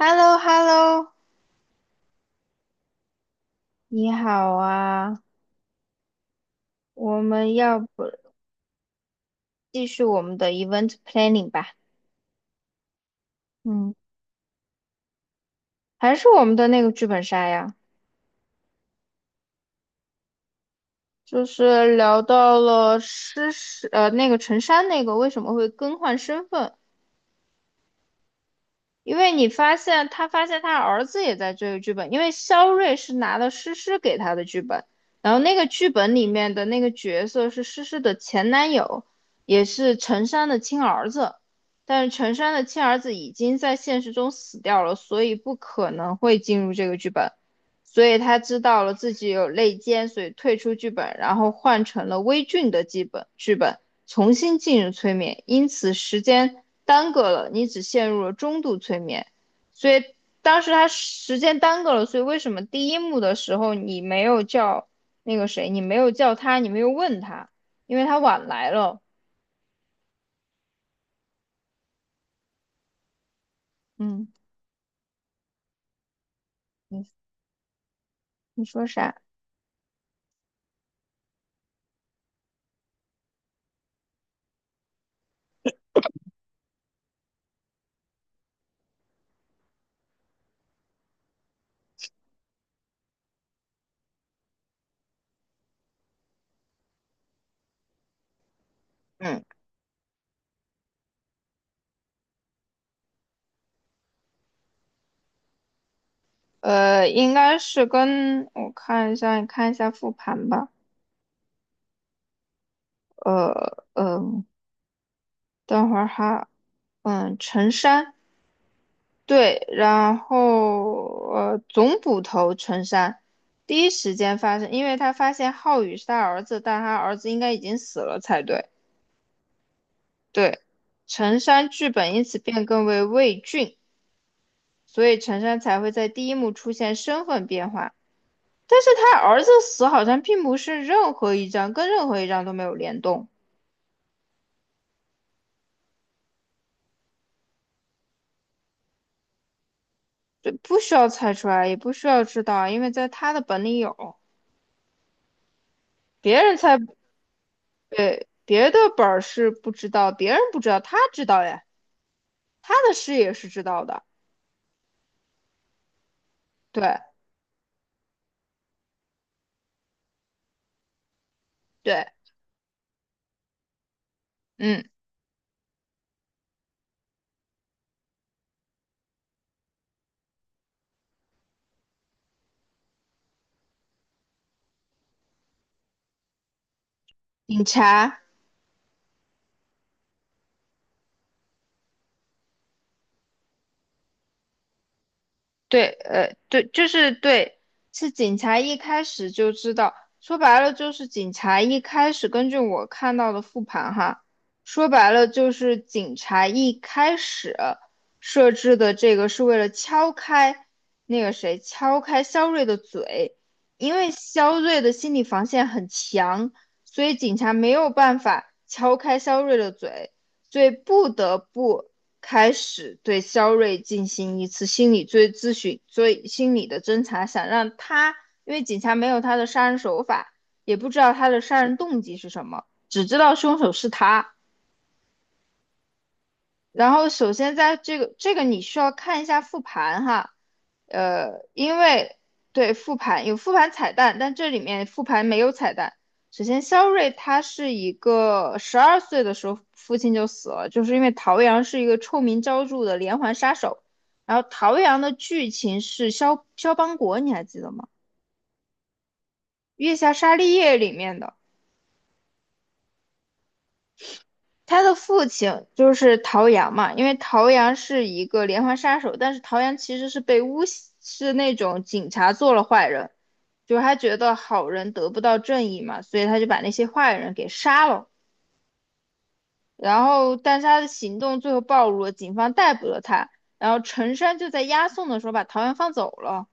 hello hello 你好啊，我们要不继续我们的 event planning 吧？嗯，还是我们的那个剧本杀呀，就是聊到了诗诗，那个陈珊那个为什么会更换身份，因为你发现他发现他儿子也在追个剧本，因为肖瑞是拿了诗诗给他的剧本，然后那个剧本里面的那个角色是诗诗的前男友，也是陈山的亲儿子，但是陈山的亲儿子已经在现实中死掉了，所以不可能会进入这个剧本，所以他知道了自己有内奸，所以退出剧本，然后换成了微俊的剧本。重新进入催眠，因此时间耽搁了，你只陷入了中度催眠。所以当时他时间耽搁了，所以为什么第一幕的时候你没有叫那个谁，你没有叫他，你没有问他，因为他晚来了。嗯，你你说啥？嗯，应该是跟我看一下，你看一下复盘吧。呃，嗯、呃等会儿哈，嗯，陈山。对，然后总捕头陈山第一时间发现，因为他发现浩宇是他儿子，但他儿子应该已经死了才对。对，陈山剧本因此变更为魏俊，所以陈山才会在第一幕出现身份变化。但是他儿子死好像并不是任何一张跟任何一张都没有联动，对，不需要猜出来，也不需要知道，因为在他的本里有，别人猜。对，别的本儿是不知道，别人不知道，他知道呀，他的事也是知道的。对对，嗯，警察。对，对，就是对，是警察一开始就知道，说白了就是警察一开始根据我看到的复盘哈，说白了就是警察一开始设置的这个是为了敲开那个谁，敲开肖瑞的嘴，因为肖瑞的心理防线很强，所以警察没有办法敲开肖瑞的嘴，所以不得不。开始对肖瑞进行一次心理追咨询、追心理的侦查，想让他，因为警察没有他的杀人手法，也不知道他的杀人动机是什么，只知道凶手是他。然后首先在这个你需要看一下复盘哈，因为对复盘有复盘彩蛋，但这里面复盘没有彩蛋。首先，肖瑞他是一个十二岁的时候父亲就死了，就是因为陶阳是一个臭名昭著的连环杀手。然后陶阳的剧情是肖肖邦国，你还记得吗？《月下沙利叶》里面的。他的父亲就是陶阳嘛，因为陶阳是一个连环杀手，但是陶阳其实是被诬是那种警察做了坏人，就是他觉得好人得不到正义嘛，所以他就把那些坏人给杀了。然后，但是他的行动最后暴露了，警方逮捕了他。然后陈山就在押送的时候把陶阳放走了。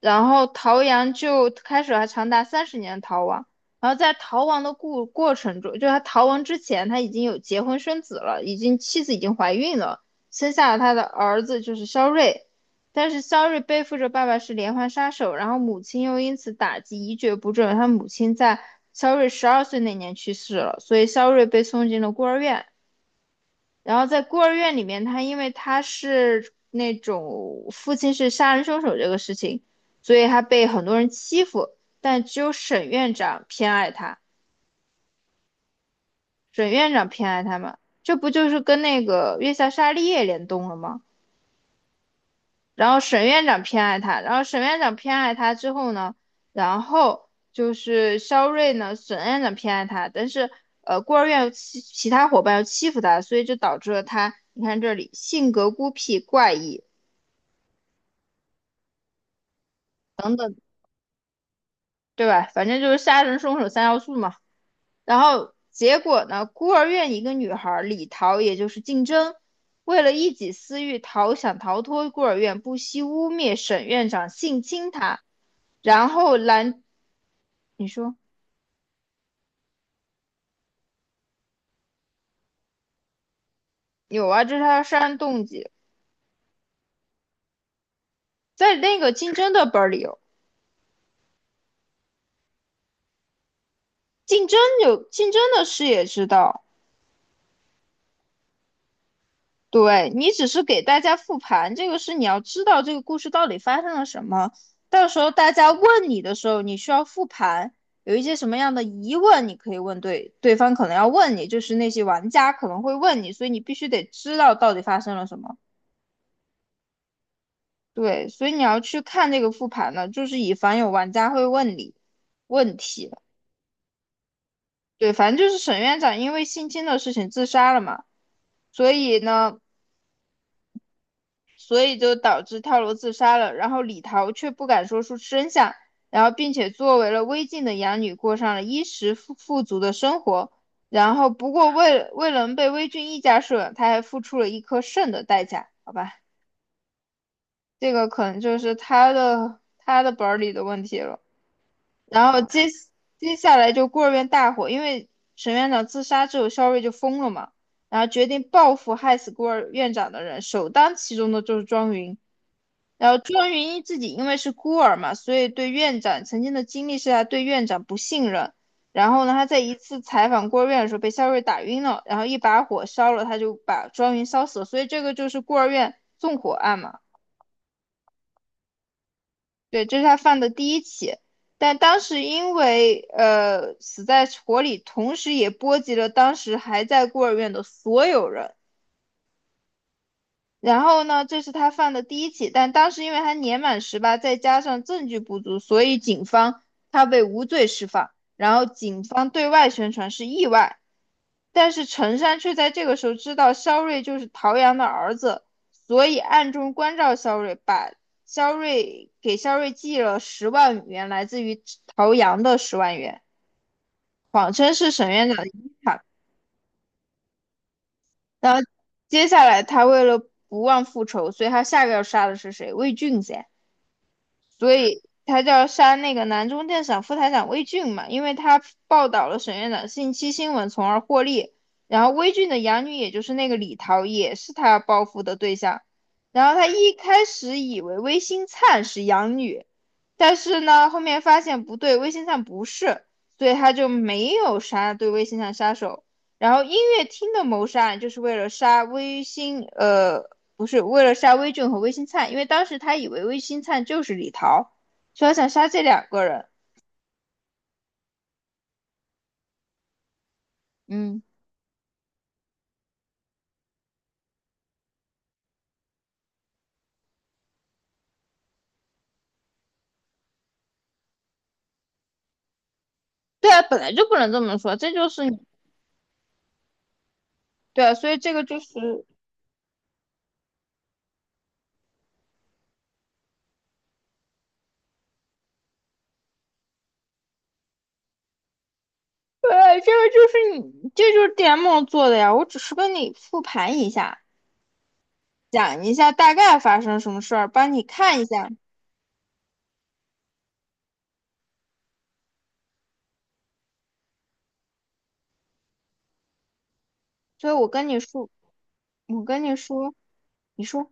然后陶阳就开始了长达30年的逃亡，然后在逃亡的过程中，就他逃亡之前，他已经有结婚生子了，已经妻子已经怀孕了，生下了他的儿子就是肖瑞，但是肖瑞背负着爸爸是连环杀手，然后母亲又因此打击一蹶不振，他母亲在肖瑞十二岁那年去世了，所以肖瑞被送进了孤儿院，然后在孤儿院里面，他因为他是那种父亲是杀人凶手这个事情，所以他被很多人欺负，但只有沈院长偏爱他，沈院长偏爱他嘛，这不就是跟那个月下沙利叶联动了吗？然后沈院长偏爱他，然后沈院长偏爱他之后呢，然后就是肖瑞呢，沈院长偏爱他，但是孤儿院其他伙伴又欺负他，所以就导致了他，你看这里性格孤僻怪异。对吧？反正就是杀人凶手三要素嘛。然后结果呢，孤儿院一个女孩李桃，也就是竞争，为了一己私欲逃想逃脱孤儿院，不惜污蔑沈院长性侵她，然后兰，你说有啊，这是她的杀人动机，在那个竞争的本儿里有，竞争有竞争的事也知道。对，你只是给大家复盘，这个是你要知道这个故事到底发生了什么。到时候大家问你的时候，你需要复盘，有一些什么样的疑问，你可以问对，对方可能要问你，就是那些玩家可能会问你，所以你必须得知道到底发生了什么。对，所以你要去看这个复盘呢，就是以防有玩家会问你问题。对，反正就是沈院长因为性侵的事情自杀了嘛，所以呢，所以就导致跳楼自杀了。然后李桃却不敢说出真相，然后并且作为了微晋的养女，过上了衣食富足的生活。然后不过为了能被微俊一家收养，他还付出了一颗肾的代价，好吧？这个可能就是他的本儿里的问题了。然后接下来就孤儿院大火，因为沈院长自杀之后，肖瑞就疯了嘛，然后决定报复害死孤儿院长的人，首当其冲的就是庄云。然后庄云一自己因为是孤儿嘛，所以对院长曾经的经历是他对院长不信任。然后呢，他在一次采访孤儿院的时候被肖瑞打晕了，然后一把火烧了，他就把庄云烧死了。所以这个就是孤儿院纵火案嘛，对，这是他犯的第一起。但当时因为死在火里，同时也波及了当时还在孤儿院的所有人。然后呢，这是他犯的第一起，但当时因为他年满18，再加上证据不足，所以警方他被无罪释放。然后警方对外宣传是意外，但是陈山却在这个时候知道肖瑞就是陶阳的儿子，所以暗中关照肖瑞，把肖瑞给肖瑞寄了十万元，来自于陶阳的十万元，谎称是沈院长的遗产。然后接下来他为了不忘复仇，所以他下个要杀的是谁？魏俊噻。所以他就要杀那个南中电厂副台长魏俊嘛，因为他报道了沈院长性侵新闻，从而获利。然后魏俊的养女，也就是那个李桃，也是他要报复的对象。然后他一开始以为魏新灿是养女，但是呢，后面发现不对，魏新灿不是，所以他就没有杀对魏新灿杀手。然后音乐厅的谋杀案就是为了杀魏新，不是为了杀威俊和魏新灿，因为当时他以为魏新灿就是李桃，所以他想杀这两个人。嗯，对啊，本来就不能这么说，这就是你对啊，所以这个就是对啊，这个就是你，这就是 DM 做的呀。我只是跟你复盘一下，讲一下大概发生什么事儿，帮你看一下。所以我跟你说，我跟你说，你说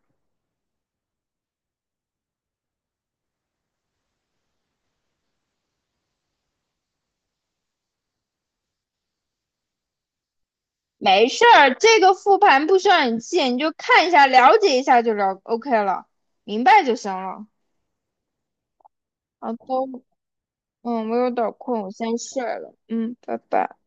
没事儿，这个复盘不需要你记，你就看一下，了解一下就了 OK 了，明白就行了。啊，我有点儿困，我先睡了。嗯，拜拜。